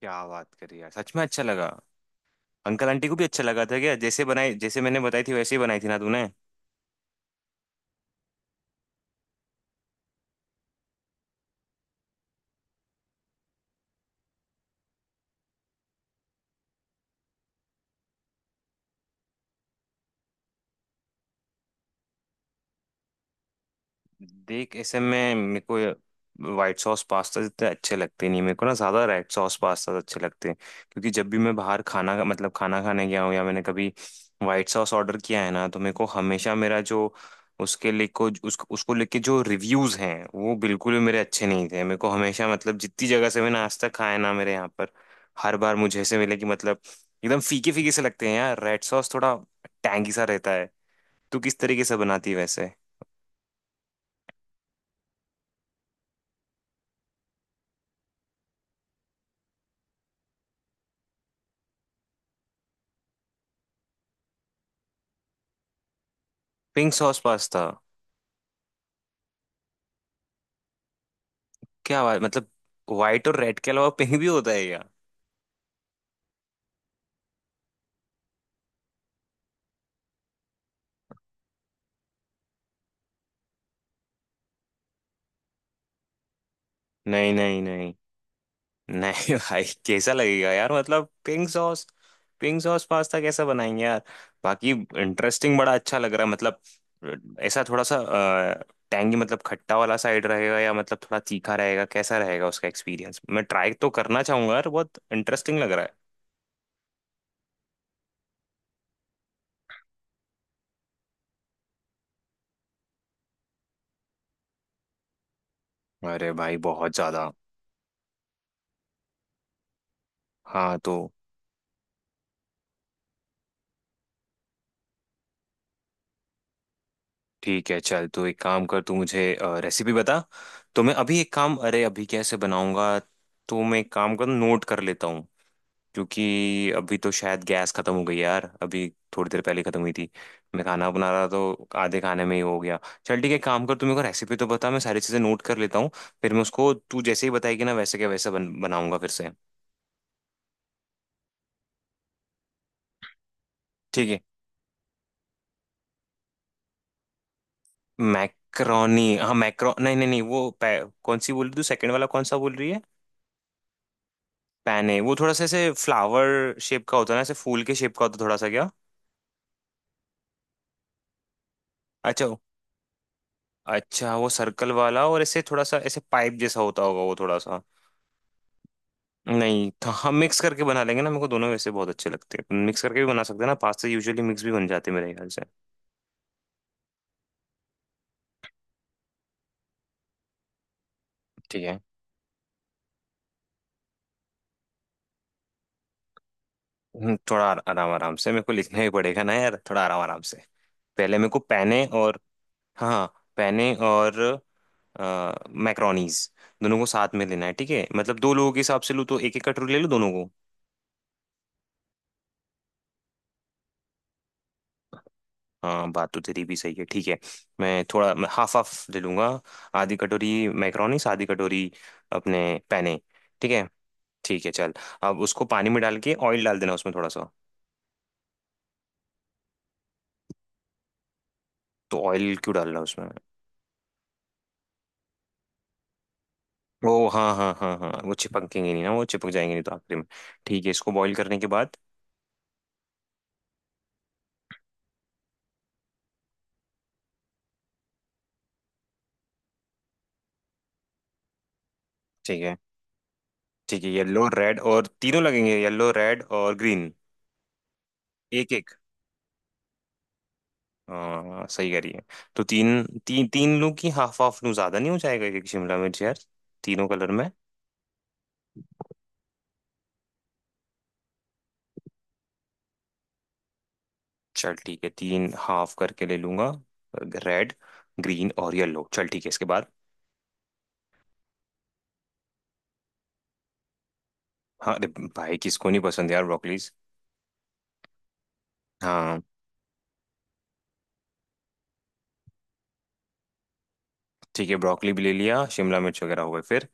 क्या बात करी यार, सच में अच्छा लगा। अंकल आंटी को भी अच्छा लगा था क्या? जैसे बनाई, जैसे मैंने बताई थी वैसे ही बनाई थी ना तूने। देख, ऐसे में मेरे को वाइट सॉस पास्ता इतने अच्छे लगते नहीं मेरे को ना, ज़्यादा रेड सॉस पास्ता अच्छे लगते हैं। क्योंकि जब भी मैं बाहर खाना का मतलब खाना खाने गया हूँ या मैंने कभी वाइट सॉस ऑर्डर किया है ना, तो मेरे को हमेशा मेरा जो उसके लिए को उसको उसको लेके जो रिव्यूज़ हैं वो बिल्कुल भी मेरे अच्छे नहीं थे। मेरे को हमेशा मतलब जितनी जगह से मैंने आज तक खाया ना मेरे यहाँ पर, हर बार मुझे ऐसे मिले कि मतलब एकदम फीके फीके से लगते हैं यार। रेड सॉस थोड़ा टैंगी सा रहता है। तू किस तरीके से बनाती है वैसे? Pink sauce pasta? क्या बात, मतलब व्हाइट और रेड के अलावा पिंक भी होता है क्या? नहीं नहीं नहीं। नहीं भाई कैसा लगेगा यार, मतलब पिंक सॉस पास्ता कैसा बनाएंगे यार। बाकी इंटरेस्टिंग बड़ा अच्छा लग रहा है मतलब। ऐसा थोड़ा सा टैंगी मतलब खट्टा वाला साइड रहेगा, या मतलब थोड़ा तीखा रहेगा? कैसा रहेगा उसका एक्सपीरियंस, मैं ट्राई तो करना चाहूंगा यार, बहुत इंटरेस्टिंग लग रहा है। अरे भाई बहुत ज्यादा। हाँ तो ठीक है, चल तू एक काम कर, तू मुझे रेसिपी बता। तो मैं अभी एक काम, अरे अभी कैसे बनाऊंगा, तो मैं एक काम कर, नोट कर लेता हूँ। क्योंकि अभी तो शायद गैस खत्म हो गई यार, अभी थोड़ी देर पहले खत्म हुई थी। मैं खाना बना रहा तो आधे खाने में ही हो गया। चल ठीक है, काम कर, तू मेरे को रेसिपी तो बता, मैं सारी चीजें नोट कर लेता हूँ। फिर मैं उसको, तू जैसे ही बताएगी ना वैसे, क्या वैसा बनाऊंगा फिर से। ठीक है। मैक्रोनी। हाँ मैक्रो नहीं नहीं नहीं, वो कौन सी बोल रही तू? सेकंड वाला कौन सा बोल रही है? पैने। वो थोड़ा सा ऐसे फ्लावर शेप का होता है ना, ऐसे फूल के शेप का होता है थोड़ा सा क्या? अच्छा। अच्छा वो सर्कल वाला, और ऐसे थोड़ा सा ऐसे पाइप जैसा होता होगा वो थोड़ा सा। नहीं था, हम मिक्स करके बना लेंगे ना, मेरे को दोनों वैसे बहुत अच्छे लगते हैं, मिक्स करके भी बना सकते हैं ना पास्ता, यूजुअली मिक्स भी बन जाते हैं मेरे ख्याल से। ठीक है। थोड़ा आराम आराम से मेरे को लिखना ही पड़ेगा ना यार, थोड़ा आराम आराम से। पहले मेरे को पैने और। हाँ, पैने और मैक्रोनीज दोनों को साथ में लेना है, ठीक है? मतलब दो लोगों के हिसाब से लूँ तो एक एक कटोरी ले लूँ दोनों को। हाँ बात तो तेरी भी सही है, ठीक है। मैं थोड़ा मैं हाफ हाफ ले लूंगा। आधी कटोरी मैक्रोनीस, आधी कटोरी अपने पैने। ठीक है। ठीक है चल। अब उसको पानी में डाल के ऑयल डाल देना उसमें थोड़ा सा। तो ऑयल क्यों डाल रहा है उसमें? ओ हाँ हाँ हाँ हाँ, वो चिपकेंगे नहीं ना, वो चिपक जाएंगे नहीं तो आखिर में। ठीक है इसको बॉईल करने के बाद। ठीक है। ठीक है, येलो रेड और तीनों लगेंगे, येलो रेड और ग्रीन। एक एक। हाँ सही कह रही है। तो तीन तीन तीन लू की हाफ हाफ लू, ज्यादा नहीं हो जाएगा एक एक शिमला मिर्च यार तीनों कलर में? चल ठीक है, तीन हाफ करके ले लूंगा। रेड, ग्रीन और येलो, चल ठीक है इसके बाद। हाँ, अरे भाई किसको नहीं पसंद यार ब्रोकलीज। हाँ। ठीक है, ब्रोकली भी ले लिया, शिमला मिर्च वगैरह हो गए, फिर?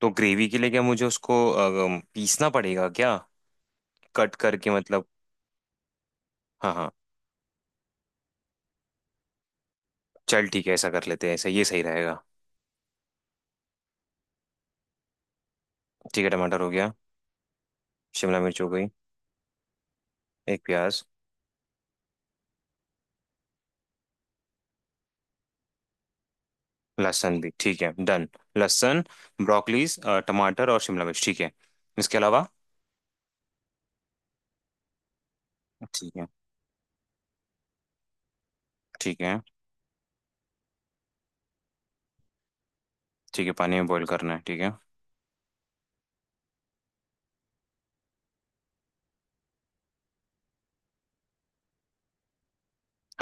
तो ग्रेवी के लिए क्या मुझे उसको पीसना पड़ेगा क्या, कट करके मतलब? हाँ हाँ। चल ठीक है, ऐसा कर लेते हैं, ऐसा ये सही रहेगा। ठीक है टमाटर हो गया। शिमला मिर्च हो गई। एक प्याज। लहसुन भी ठीक है, डन। लहसुन, ब्रोकलीज, टमाटर और शिमला मिर्च, ठीक है, इसके अलावा? ठीक है। ठीक है। ठीक है पानी में बॉईल करना है, ठीक है।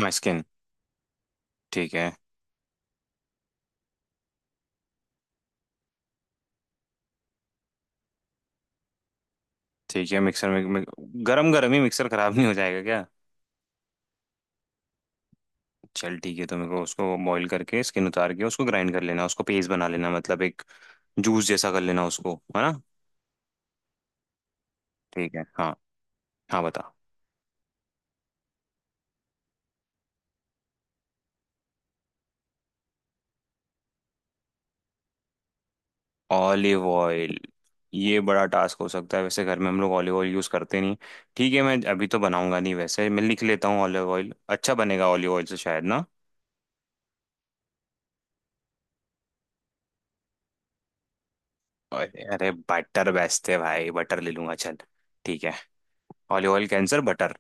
हाँ, स्किन। ठीक है। ठीक है मिक्सर में, गरम गरम ही मिक्सर खराब नहीं हो जाएगा क्या? चल ठीक है, तो मेरे को उसको बॉईल करके स्किन उतार के उसको ग्राइंड कर लेना, उसको पेस्ट बना लेना, मतलब एक जूस जैसा कर लेना उसको, है ना? ठीक है हाँ। हाँ बता। Olive oil. ये बड़ा टास्क हो सकता है वैसे, घर में हम लोग ऑलिव ऑयल यूज़ करते नहीं। ठीक है मैं अभी तो बनाऊंगा नहीं वैसे, मैं लिख लेता हूँ ऑलिव ऑयल। अच्छा बनेगा ऑलिव ऑयल से शायद ना? अरे अरे बटर बेचते भाई, बटर ले लूंगा चल। ठीक है। ऑलिव ऑयल कैंसर बटर।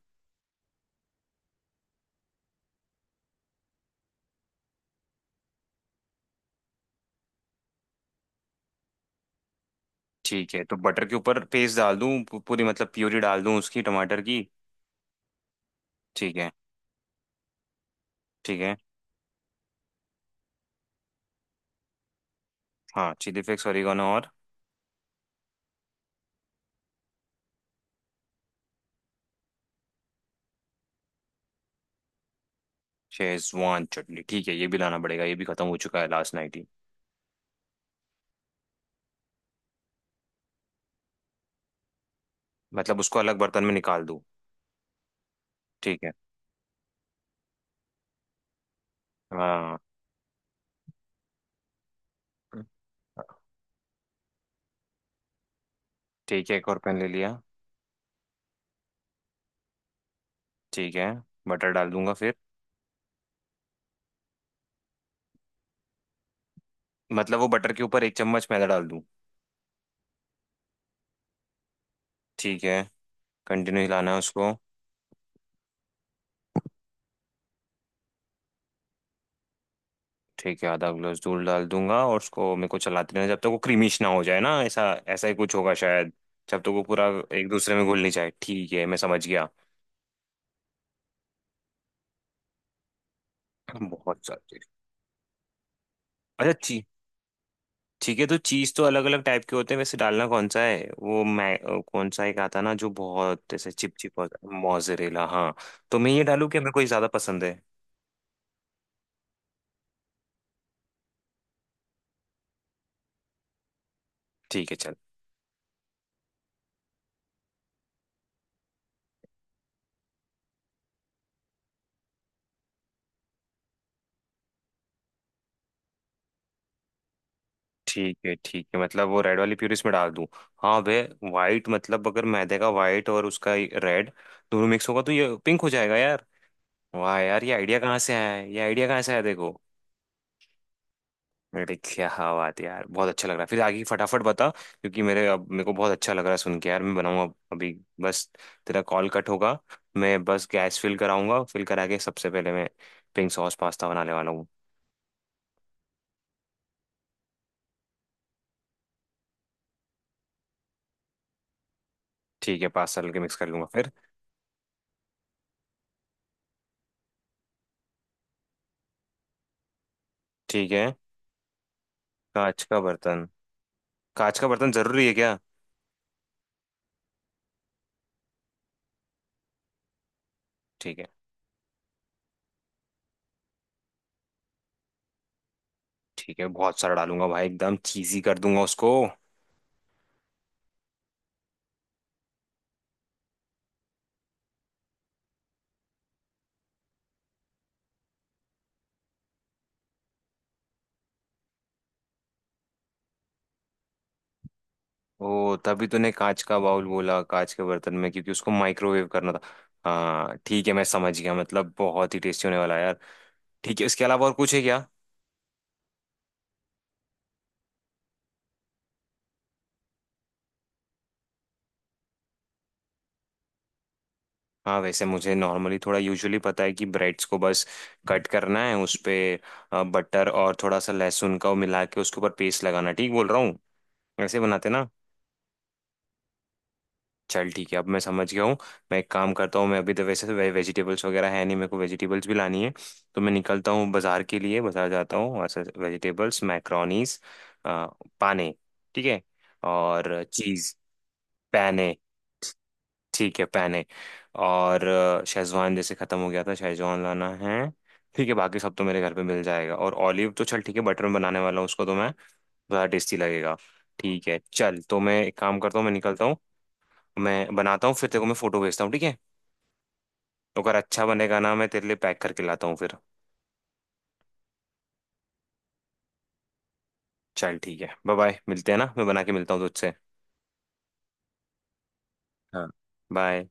ठीक है, तो बटर के ऊपर पेस्ट डाल दूं, पूरी मतलब प्यूरी डाल दूं उसकी टमाटर की? ठीक है। ठीक है हाँ, चिली फ्लेक्स ओरिगानो और? शेजवान चटनी ठीक है, ये भी लाना पड़ेगा, ये भी खत्म हो चुका है लास्ट नाइट ही। मतलब उसको अलग बर्तन में निकाल दूं? ठीक है हाँ। ठीक है एक और पैन ले लिया। ठीक है, बटर डाल दूंगा फिर। मतलब वो बटर के ऊपर एक चम्मच मैदा डाल दूं? ठीक है। कंटिन्यू हिलाना है उसको। ठीक है, आधा ग्लास दूध डाल दूंगा, और उसको मेरे को चलाते रहना जब तक वो क्रीमिश ना हो जाए ना, ऐसा ऐसा ही कुछ होगा शायद। जब तक वो पूरा एक दूसरे में घुल नहीं जाए, ठीक है मैं समझ गया। बहुत सारी चीज। अच्छा ची। ठीक है तो चीज तो अलग अलग टाइप के होते हैं वैसे, डालना कौन सा है वो, मैं कौन सा एक आता ना जो बहुत ऐसे चिपचिप होता है, मोजरेला हाँ। तो मैं ये डालू क्या, मेरे को ये ज्यादा पसंद है। ठीक है चल। ठीक है। ठीक है मतलब वो रेड वाली प्यूरी इसमें डाल दूं? हाँ वे वाइट मतलब अगर मैदे का वाइट और उसका रेड दोनों मिक्स होगा तो ये पिंक हो जाएगा यार। वाह यार, ये आइडिया कहाँ से आया है, ये आइडिया कहाँ से आया देखो। अरे क्या बात है यार, बहुत अच्छा लग रहा है, फिर आगे फटाफट बता क्योंकि मेरे अब मेरे को बहुत अच्छा लग रहा है सुन के यार, मैं बनाऊंगा अभी बस, तेरा कॉल कट होगा, मैं बस गैस फिल कराऊंगा, फिल करा के सबसे पहले मैं पिंक सॉस पास्ता बनाने वाला हूँ। ठीक है पास्ता के मिक्स कर लूंगा फिर। ठीक है। कांच का बर्तन? कांच का बर्तन जरूरी है क्या? ठीक है। ठीक है बहुत सारा डालूंगा भाई, एकदम चीजी कर दूंगा उसको। ओ तभी तूने कांच का बाउल बोला कांच के बर्तन में, क्योंकि उसको माइक्रोवेव करना था। हाँ ठीक है मैं समझ गया, मतलब बहुत ही टेस्टी होने वाला है यार। ठीक है, इसके अलावा और कुछ है क्या? हाँ वैसे मुझे नॉर्मली थोड़ा यूजुअली पता है कि ब्रेड्स को बस कट करना है, उस पे बटर और थोड़ा सा लहसुन का वो मिला के उसके ऊपर पेस्ट लगाना है। ठीक बोल रहा हूँ, ऐसे बनाते ना? चल ठीक है, अब मैं समझ गया हूँ। मैं एक काम करता हूँ, मैं अभी तो वैसे तो वेजिटेबल्स वगैरह है नहीं, मेरे को वेजिटेबल्स भी लानी है, तो मैं निकलता हूँ बाजार के लिए, बाजार जाता हूँ वहाँ से वेजिटेबल्स, मैक्रोनीस, पाने। ठीक है। और चीज़। पैने। ठीक है पैने। और शेजवान जैसे ख़त्म हो गया था, शेजवान लाना है। ठीक है बाकी सब तो मेरे घर पे मिल जाएगा, और ऑलिव तो चल ठीक है बटर में बनाने वाला हूँ उसको तो मैं, ज़्यादा टेस्टी लगेगा। ठीक है चल, तो मैं एक काम करता हूँ, मैं निकलता हूँ, मैं बनाता हूँ फिर तेरे को मैं फोटो भेजता हूँ, ठीक है? अगर अच्छा बनेगा ना मैं तेरे लिए पैक करके लाता हूँ फिर। चल ठीक है बाय बाय, मिलते हैं ना, मैं बना के मिलता हूँ तुझसे। हाँ बाय।